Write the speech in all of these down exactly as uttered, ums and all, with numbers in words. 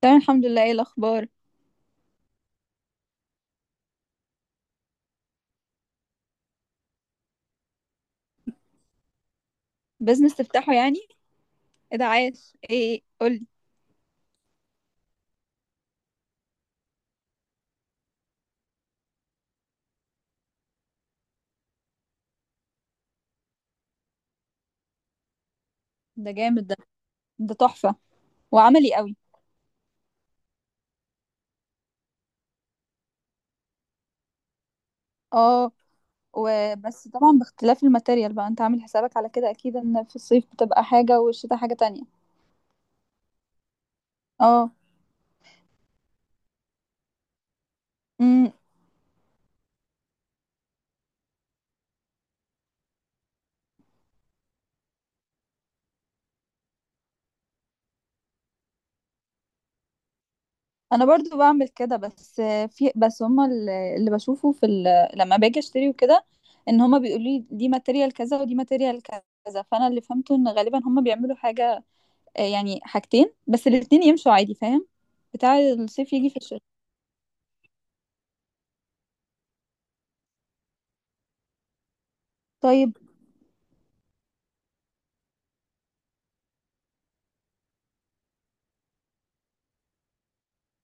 تمام، الحمد لله. ايه الاخبار؟ بزنس تفتحه يعني؟ ايه ده؟ عاش، ايه؟ قولي. ده جامد ده. ده تحفة وعملي قوي. اه، وبس طبعا باختلاف الماتيريال بقى. انت عامل حسابك على كده اكيد ان في الصيف بتبقى حاجة والشتاء حاجة تانية. اه. امم انا برضو بعمل كده، بس في بس هما ال- اللي بشوفه في ال... لما باجي اشتري وكده، ان هما بيقولوا لي دي ماتيريال كذا ودي ماتيريال كذا، فانا اللي فهمته ان غالبا هما بيعملوا حاجة آه، يعني حاجتين بس، الاتنين يمشوا عادي، فاهم؟ بتاع الصيف يجي في الشتاء. طيب.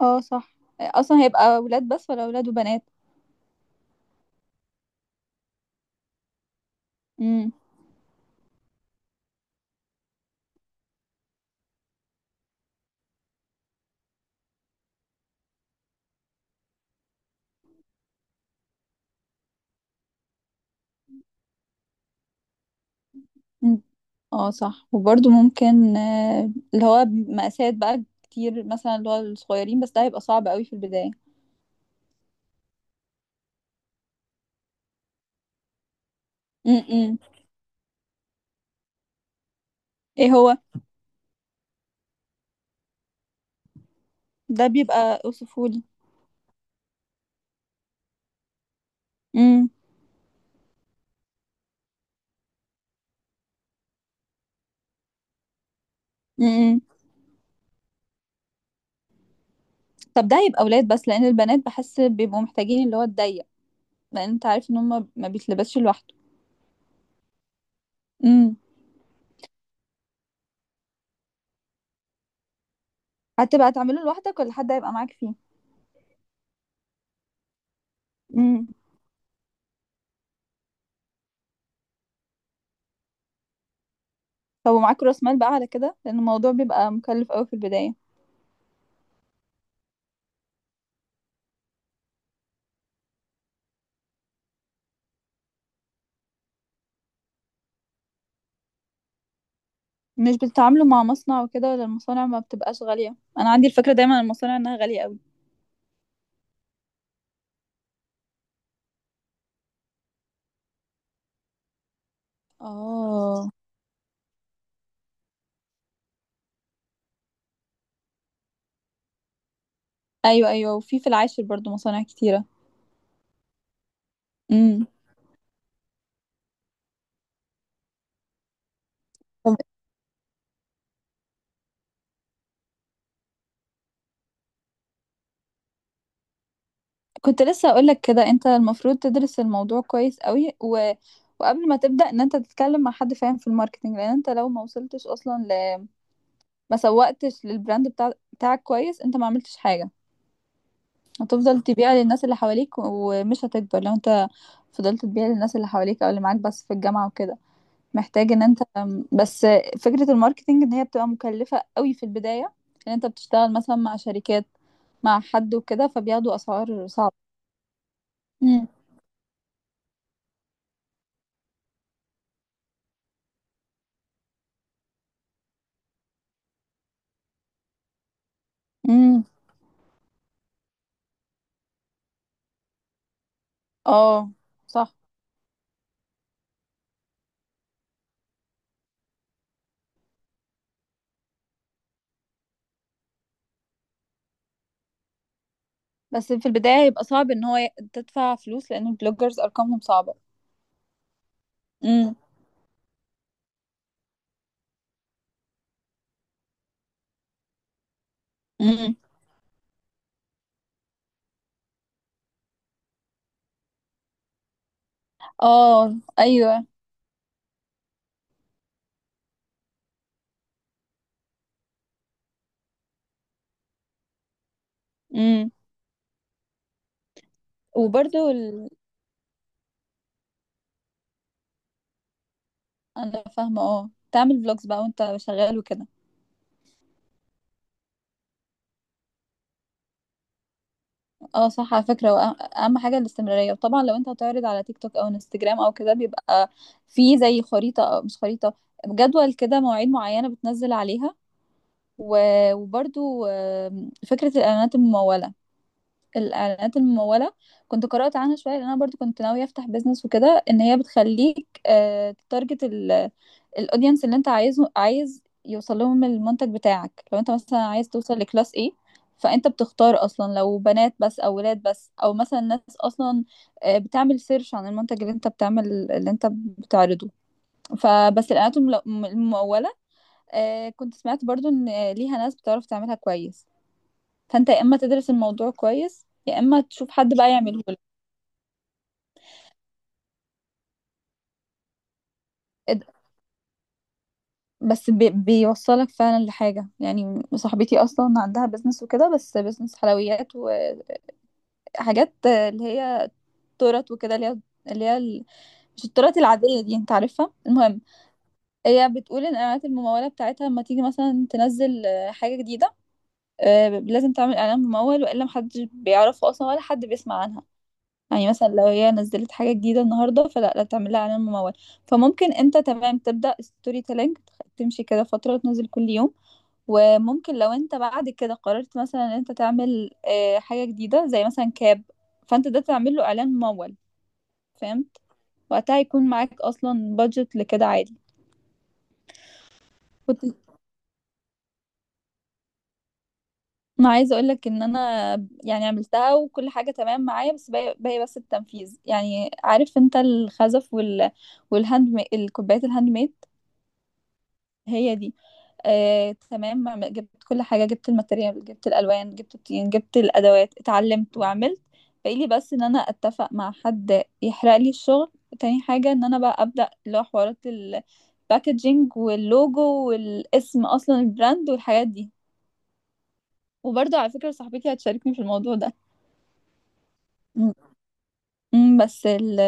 اه صح، آه، اصلا هيبقى اولاد بس ولا اولاد وبنات؟ امم أمم. اه صح، وبرده ممكن، آه، اللي هو مقاسات بقى كتير مثلا، اللي هو الصغيرين، بس ده هيبقى صعب قوي في البداية. امم. ايه هو ده؟ بيبقى اوصفولي. امم. امم. طب ده هيبقى اولاد بس؟ لان البنات بحس بيبقوا محتاجين اللي هو الضيق، لان انت عارف ان هم ما بيتلبسش لوحده. امم. هتبقى تعمله لوحدك ولا حد هيبقى معاك فيه؟ امم. طب ومعاك راس مال بقى على كده؟ لان الموضوع بيبقى مكلف قوي في البدايه. مش بتتعاملوا مع مصنع وكده؟ ولا المصانع ما بتبقاش غاليه؟ انا عندي الفكره دايما عن المصانع انها غاليه قوي. اه. ايوه ايوه، وفي في العاشر برضو مصانع كتيره. امم. طب، كنت لسه اقول لك كده. انت المفروض تدرس الموضوع كويس قوي و... وقبل ما تبدا، ان انت تتكلم مع حد فاهم في الماركتنج، لان انت لو ما وصلتش اصلا ل... ما سوقتش للبراند بتاع... بتاعك كويس، انت ما عملتش حاجه. هتفضل تبيع للناس اللي حواليك و- ومش هتكبر لو انت فضلت تبيع للناس اللي حواليك او اللي معاك بس في الجامعة وكده. محتاج ان انت بس، فكرة الماركتينج ان هي بتبقى مكلفة قوي في البداية، ان انت بتشتغل مثلا مع شركات، مع حد وكده، فبياخدوا اسعار صعبة. امم. امم. اه صح. بس في البداية يبقى صعب ان هو ي- تدفع فلوس، لان البلوجرز ارقامهم صعبة. امم. امم. اه. ايوه. امم. وبرده انا فاهمه، اه، تعمل فلوجز بقى وانت شغال وكده. اه صح، على فكره، وأه- اهم حاجه الاستمراريه. وطبعا لو انت هتعرض على تيك توك او انستجرام او كده، بيبقى في زي خريطه، أو مش خريطه، جدول كده، مواعيد معينه بتنزل عليها. و- وبرضو آم، فكره الاعلانات المموله، الاعلانات الممولة، كنت قرأت عنها شوية لان انا برضو كنت ناوية افتح بيزنس وكده، ان هي بتخليك آه، تارجت ال- الاودينس اللي انت عايزه عايز يوصل لهم المنتج بتاعك. لو انت مثلا عايز توصل لكلاس ايه، فانت بتختار اصلا لو بنات بس او ولاد بس، او مثلا ناس اصلا آه، بتعمل سيرش عن المنتج اللي انت بتعمل اللي انت بتعرضه. فبس الاعلانات المل- الممولة، آه، كنت سمعت برضو ان ليها ناس بتعرف تعملها كويس، فانت يا اما تدرس الموضوع كويس، يا اما تشوف حد بقى يعمله لك. اد- بس بي بيوصلك فعلا لحاجة. يعني صاحبتي اصلا عندها بيزنس وكده، بس بيزنس حلويات وحاجات اللي هي تورت وكده، اللي هي اللي هي ال- مش التورت العادية دي، انت عارفها. المهم، هي بتقول ان اعلانات الممولة بتاعتها لما تيجي مثلا تنزل آه، حاجة جديدة، آه، لازم تعمل اعلان ممول، والا محدش بيعرفها اصلا، ولا حد بيسمع عنها. يعني مثلا لو هي نزلت حاجة جديدة النهاردة، فلا، لا تعمل لها إعلان ممول. فممكن انت تمام، تبدأ ستوري تيلينج، تمشي كده فترة وتنزل كل يوم، وممكن لو انت بعد كده قررت مثلا ان انت تعمل آه، حاجة جديدة زي مثلا كاب، فانت ده تعمل له إعلان ممول. فهمت؟ وقتها هيكون معاك أصلا بادجت لكده عادي. كنت انا عايزة اقولك ان انا يعني عملتها وكل حاجة تمام معايا، بس باقي باقي بس التنفيذ. يعني عارف انت الخزف وال والهاند مي... الكوبايات الهاند ميد، هي دي. آه، تمام، ما- جبت كل حاجة، جبت الماتيريال، جبت الألوان، جبت الطين، جبت الأدوات، اتعلمت وعملت. باقي لي بس إن أنا أتفق مع حد يحرق لي الشغل. تاني حاجة إن أنا بقى أبدأ اللي هو حوارات الباكجينج واللوجو والاسم أصلا البراند والحاجات دي. وبرضه على فكرة صاحبتي هتشاركني في الموضوع ده. م- م، بس ال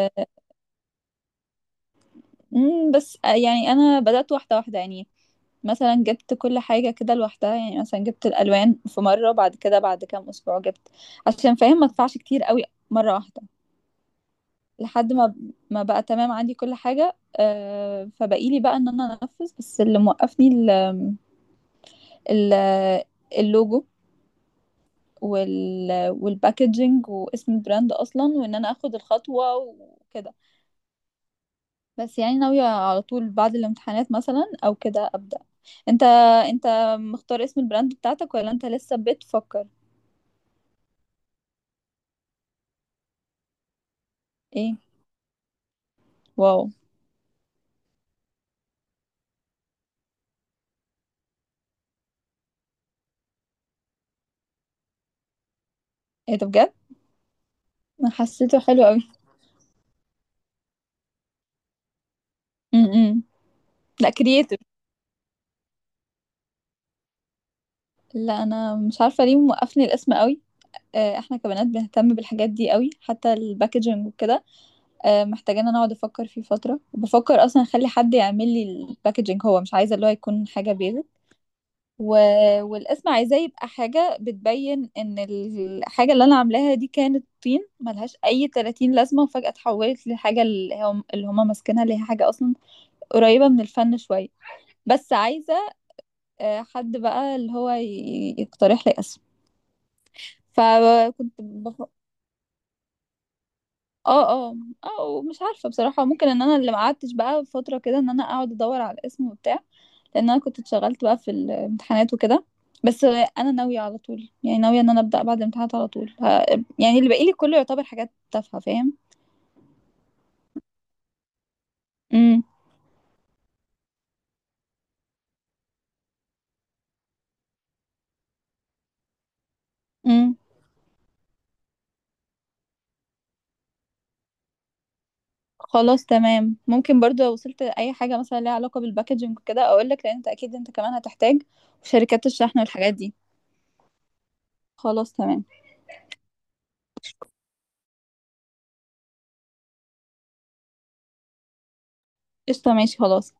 امم، بس آه، يعني انا بدأت واحدة واحدة يعني. مثلا جبت كل حاجة كده لوحدها، يعني مثلا جبت الألوان في مرة، بعد كده بعد كام أسبوع جبت، عشان فاهم ما ادفعش كتير قوي مرة واحدة، لحد ما ما بقى تمام عندي كل حاجة. آه، فبقيلي بقى ان انا انفذ بس. اللي موقفني ال ال اللوجو وال والباكجينج واسم البراند اصلا، وان انا اخد الخطوة وكده. بس يعني ناوية على طول بعد الامتحانات مثلا او كده ابدأ. انت انت مختار اسم البراند بتاعتك ولا انت لسه بتفكر؟ ايه؟ واو! ايه ده بجد؟ انا حسيته حلو قوي. امم. لا، كرييتيف. لا انا مش عارفة ليه موقفني الاسم قوي. آه، احنا كبنات بنهتم بالحاجات دي قوي، حتى الباكجينج وكده. آه، محتاجين انا اقعد افكر فيه فترة. وبفكر اصلا اخلي حد يعمل لي الباكجينج، هو مش عايزة اللي هو يكون حاجة بيزك و... والاسم عايزاه يبقى حاجة بتبين ان الحاجة اللي انا عاملاها دي كانت طين ملهاش اي تلاتين لازمة، وفجأة اتحولت لحاجة اللي هم اللي هما ماسكينها، اللي هي حاجة اصلا قريبة من الفن شوية. بس عايزة آه، حد بقى اللي هو ي- يقترح لي اسم. فكنت بف... اه، اه، اه، مش عارفة بصراحة. ممكن ان انا اللي ما قعدتش بقى فترة كده ان انا اقعد ادور على الاسم وبتاع، لان انا كنت اتشغلت بقى في الامتحانات وكده. بس انا ناويه على طول يعني ناويه ان انا ابدا بعد الامتحانات على طول ه... يعني اللي باقي لي كله يعتبر حاجات تافهه، فاهم؟ امم. امم. خلاص، تمام. ممكن برضو لو وصلت اي حاجه مثلا ليها علاقه بالباكجينج وكده اقول لك، لان انت اكيد انت كمان هتحتاج وشركات الشحن والحاجات دي. خلاص، تمام. قشطه، ماشي، خلاص.